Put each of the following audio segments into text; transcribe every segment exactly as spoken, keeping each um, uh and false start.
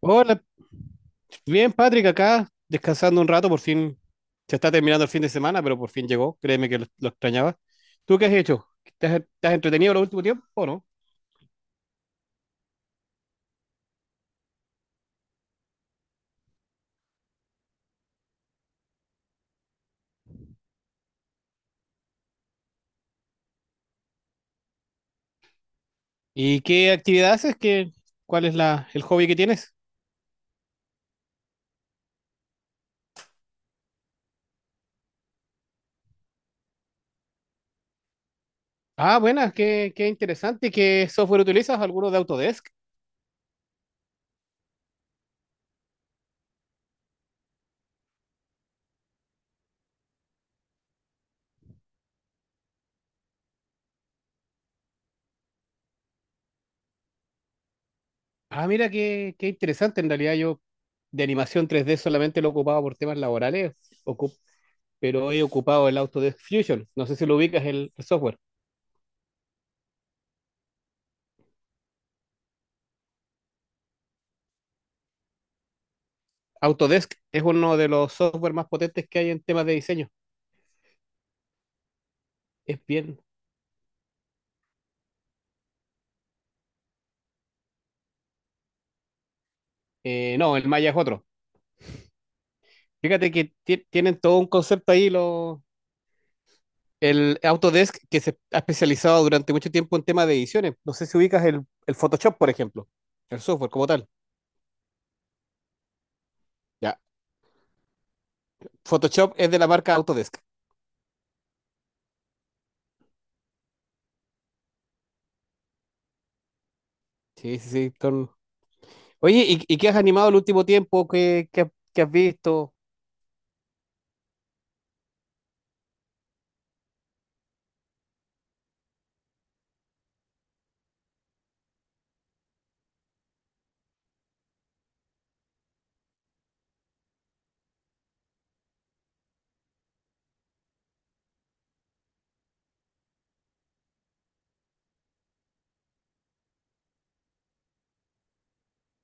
Hola, bien Patrick, acá descansando un rato, por fin se está terminando el fin de semana, pero por fin llegó, créeme que lo, lo extrañaba. ¿Tú qué has hecho? ¿Te has, te has entretenido el último tiempo o no? ¿Y qué actividad haces? ¿Qué, cuál es la, el hobby que tienes? Ah, buenas, qué, qué interesante. ¿Qué software utilizas? ¿Alguno de Autodesk? Ah, mira, qué, qué interesante. En realidad yo de animación tres D solamente lo ocupaba por temas laborales, ocup- pero he ocupado el Autodesk Fusion. No sé si lo ubicas el el software. Autodesk es uno de los software más potentes que hay en temas de diseño. Es bien. Eh, no, el Maya es otro. Fíjate que ti- tienen todo un concepto ahí, lo, el Autodesk, que se ha especializado durante mucho tiempo en temas de ediciones. No sé si ubicas el, el Photoshop, por ejemplo, el software como tal. Ya, Photoshop es de la marca Autodesk. Sí, sí, sí. son- Oye, ¿y, y qué has animado el último tiempo? ¿Qué, qué, qué has visto?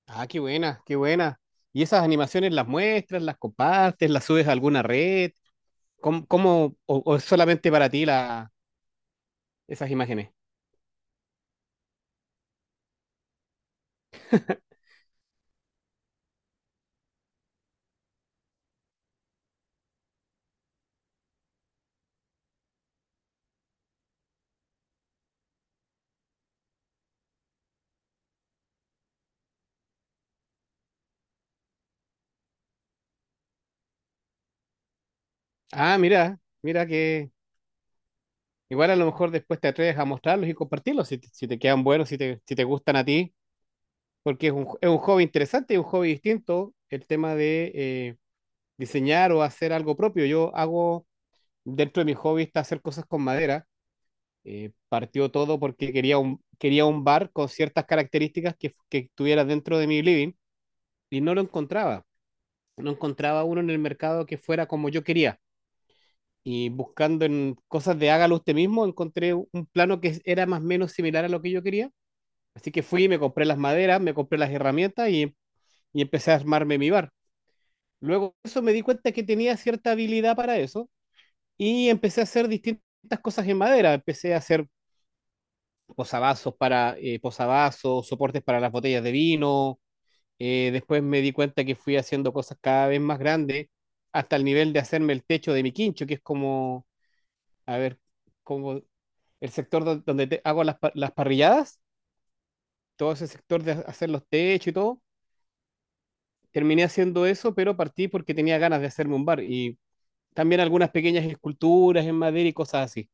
Ah, qué buena, qué buena. ¿Y esas animaciones las muestras, las compartes, las subes a alguna red? ¿Cómo, cómo- o, o es solamente para ti la, esas imágenes? Ah, mira, mira que igual a lo mejor después te atreves a mostrarlos y compartirlos si te, si te quedan buenos, si te, si te gustan a ti, porque es un, es un hobby interesante, es un hobby distinto el tema de eh, diseñar o hacer algo propio. Yo hago, dentro de mi hobby está hacer cosas con madera. Eh, partió todo porque quería un, quería un bar con ciertas características que, que estuviera dentro de mi living y no lo encontraba. No encontraba uno en el mercado que fuera como yo quería. Y buscando en cosas de hágalo usted mismo, encontré un plano que era más o menos similar a lo que yo quería. Así que fui, me compré las maderas, me compré las herramientas y, y empecé a armarme mi bar. Luego de eso me di cuenta que tenía cierta habilidad para eso y empecé a hacer distintas cosas en madera. Empecé a hacer posavasos para eh, posavasos, soportes para las botellas de vino. Eh, después me di cuenta que fui haciendo cosas cada vez más grandes hasta el nivel de hacerme el techo de mi quincho, que es como, a ver, como el sector do- donde te- hago las, pa- las parrilladas, todo ese sector de hacer los techos y todo. Terminé haciendo eso, pero partí porque tenía ganas de hacerme un bar y también algunas pequeñas esculturas en madera y cosas así.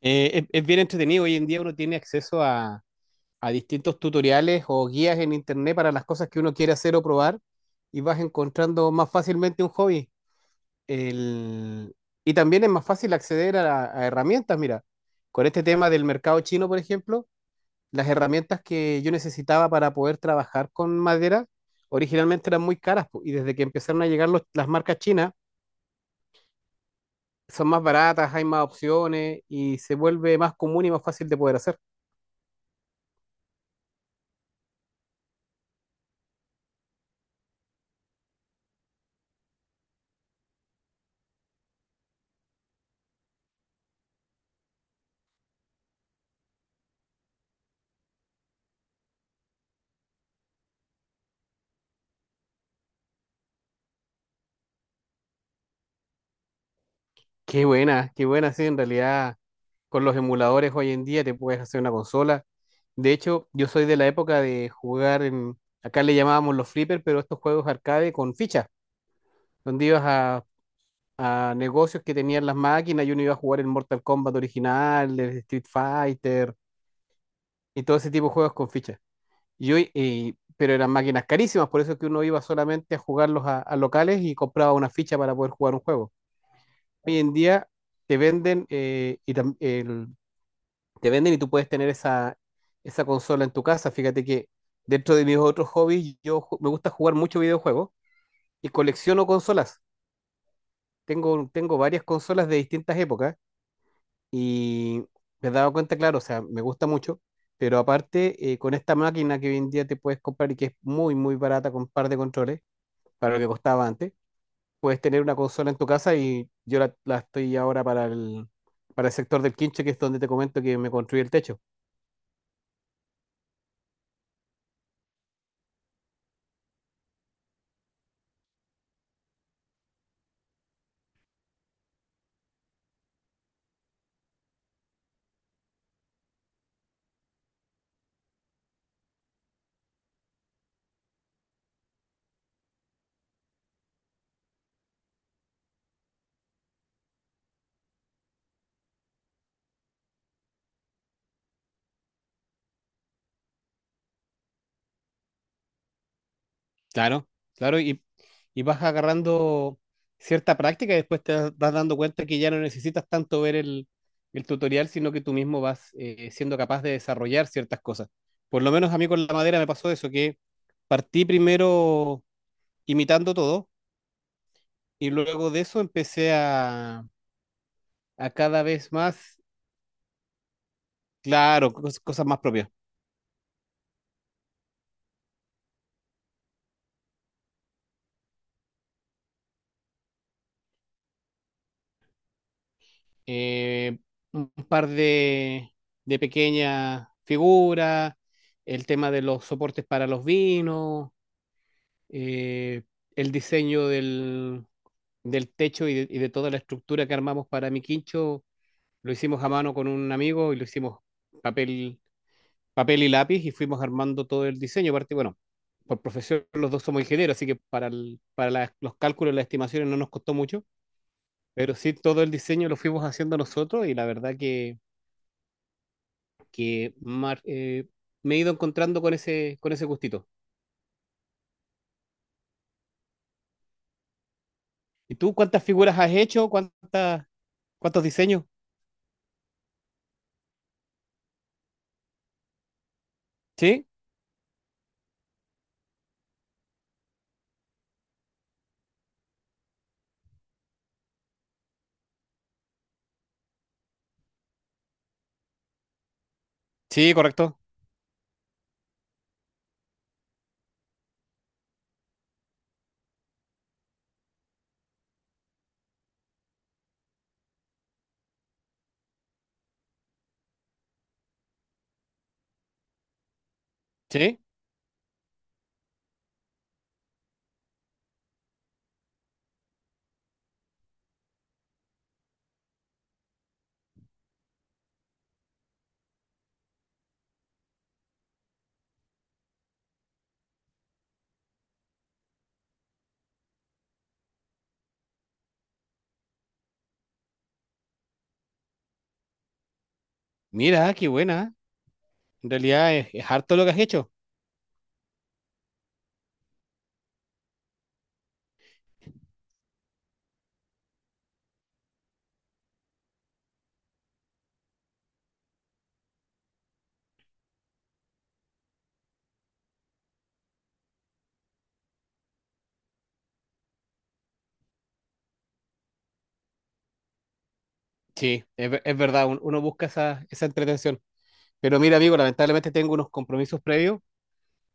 Eh, es, es bien entretenido. Hoy en día uno tiene acceso a, a distintos tutoriales o guías en internet para las cosas que uno quiere hacer o probar y vas encontrando más fácilmente un hobby. El... Y también es más fácil acceder a, a herramientas. Mira, con este tema del mercado chino, por ejemplo las herramientas que yo necesitaba para poder trabajar con madera originalmente eran muy caras po, y desde que empezaron a llegar los- las marcas chinas son más baratas, hay más opciones y se vuelve más común y más fácil de poder hacer. Qué buena, qué buena, sí, en realidad con los emuladores hoy en día te puedes hacer una consola. De hecho, yo soy de la época de jugar en, acá le llamábamos los flippers, pero estos juegos arcade con fichas, donde ibas a, a negocios que tenían las máquinas y uno iba a jugar el Mortal Kombat original, el Street Fighter, y todo ese tipo de juegos con fichas. Y hoy, eh, pero eran máquinas carísimas, por eso es que uno iba solamente a jugarlos a, a locales y compraba una ficha para poder jugar un juego. Hoy en día te venden, eh, y tam- el- te venden y tú puedes tener esa, esa consola en tu casa. Fíjate que dentro de mis otros hobbies, yo ju- me gusta jugar mucho videojuegos y colecciono consolas. Tengo, tengo varias consolas de distintas épocas. Y me he dado cuenta, claro, o sea, me gusta mucho, pero aparte, eh, con esta máquina que hoy en día te puedes comprar y que es muy, muy barata con un par de controles, para lo que costaba antes, puedes tener una consola en tu casa y yo la, la estoy ahora para el, para el sector del quinche, que es donde te comento que me construí el techo. Claro, claro, y, y vas agarrando cierta práctica y después te das vas dando cuenta que ya no necesitas tanto ver el, el tutorial, sino que tú mismo vas eh, siendo capaz de desarrollar ciertas cosas. Por lo menos a mí con la madera me pasó eso, que partí primero imitando todo y luego de eso empecé a, a cada vez más, claro, cos- cosas más propias. eh, un par de, de pequeñas figuras, el tema de los soportes para los vinos, eh, el diseño del, del techo y de, y de toda la estructura que armamos para mi quincho, lo hicimos a mano con un amigo y lo hicimos papel, papel y lápiz y fuimos armando todo el diseño. Aparte, bueno, por profesión los dos somos ingenieros, así que para, el- para las- los cálculos, las estimaciones no nos costó mucho, pero sí todo el diseño lo fuimos haciendo nosotros y la verdad que que mar- eh, me he ido encontrando con ese, con ese gustito. ¿Y tú cuántas figuras has hecho? ¿Cuántas, cuántos diseños? Sí, sí, correcto. Sí, mira, qué buena. En realidad es, es harto lo que has hecho. Sí, es, ver- es verdad, un- uno busca esa, esa entretención. Pero mira, amigo, lamentablemente tengo unos compromisos previos.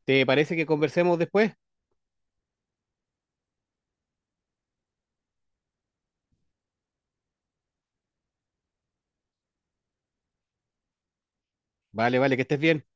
¿Te parece que conversemos después? Vale, vale, que estés bien.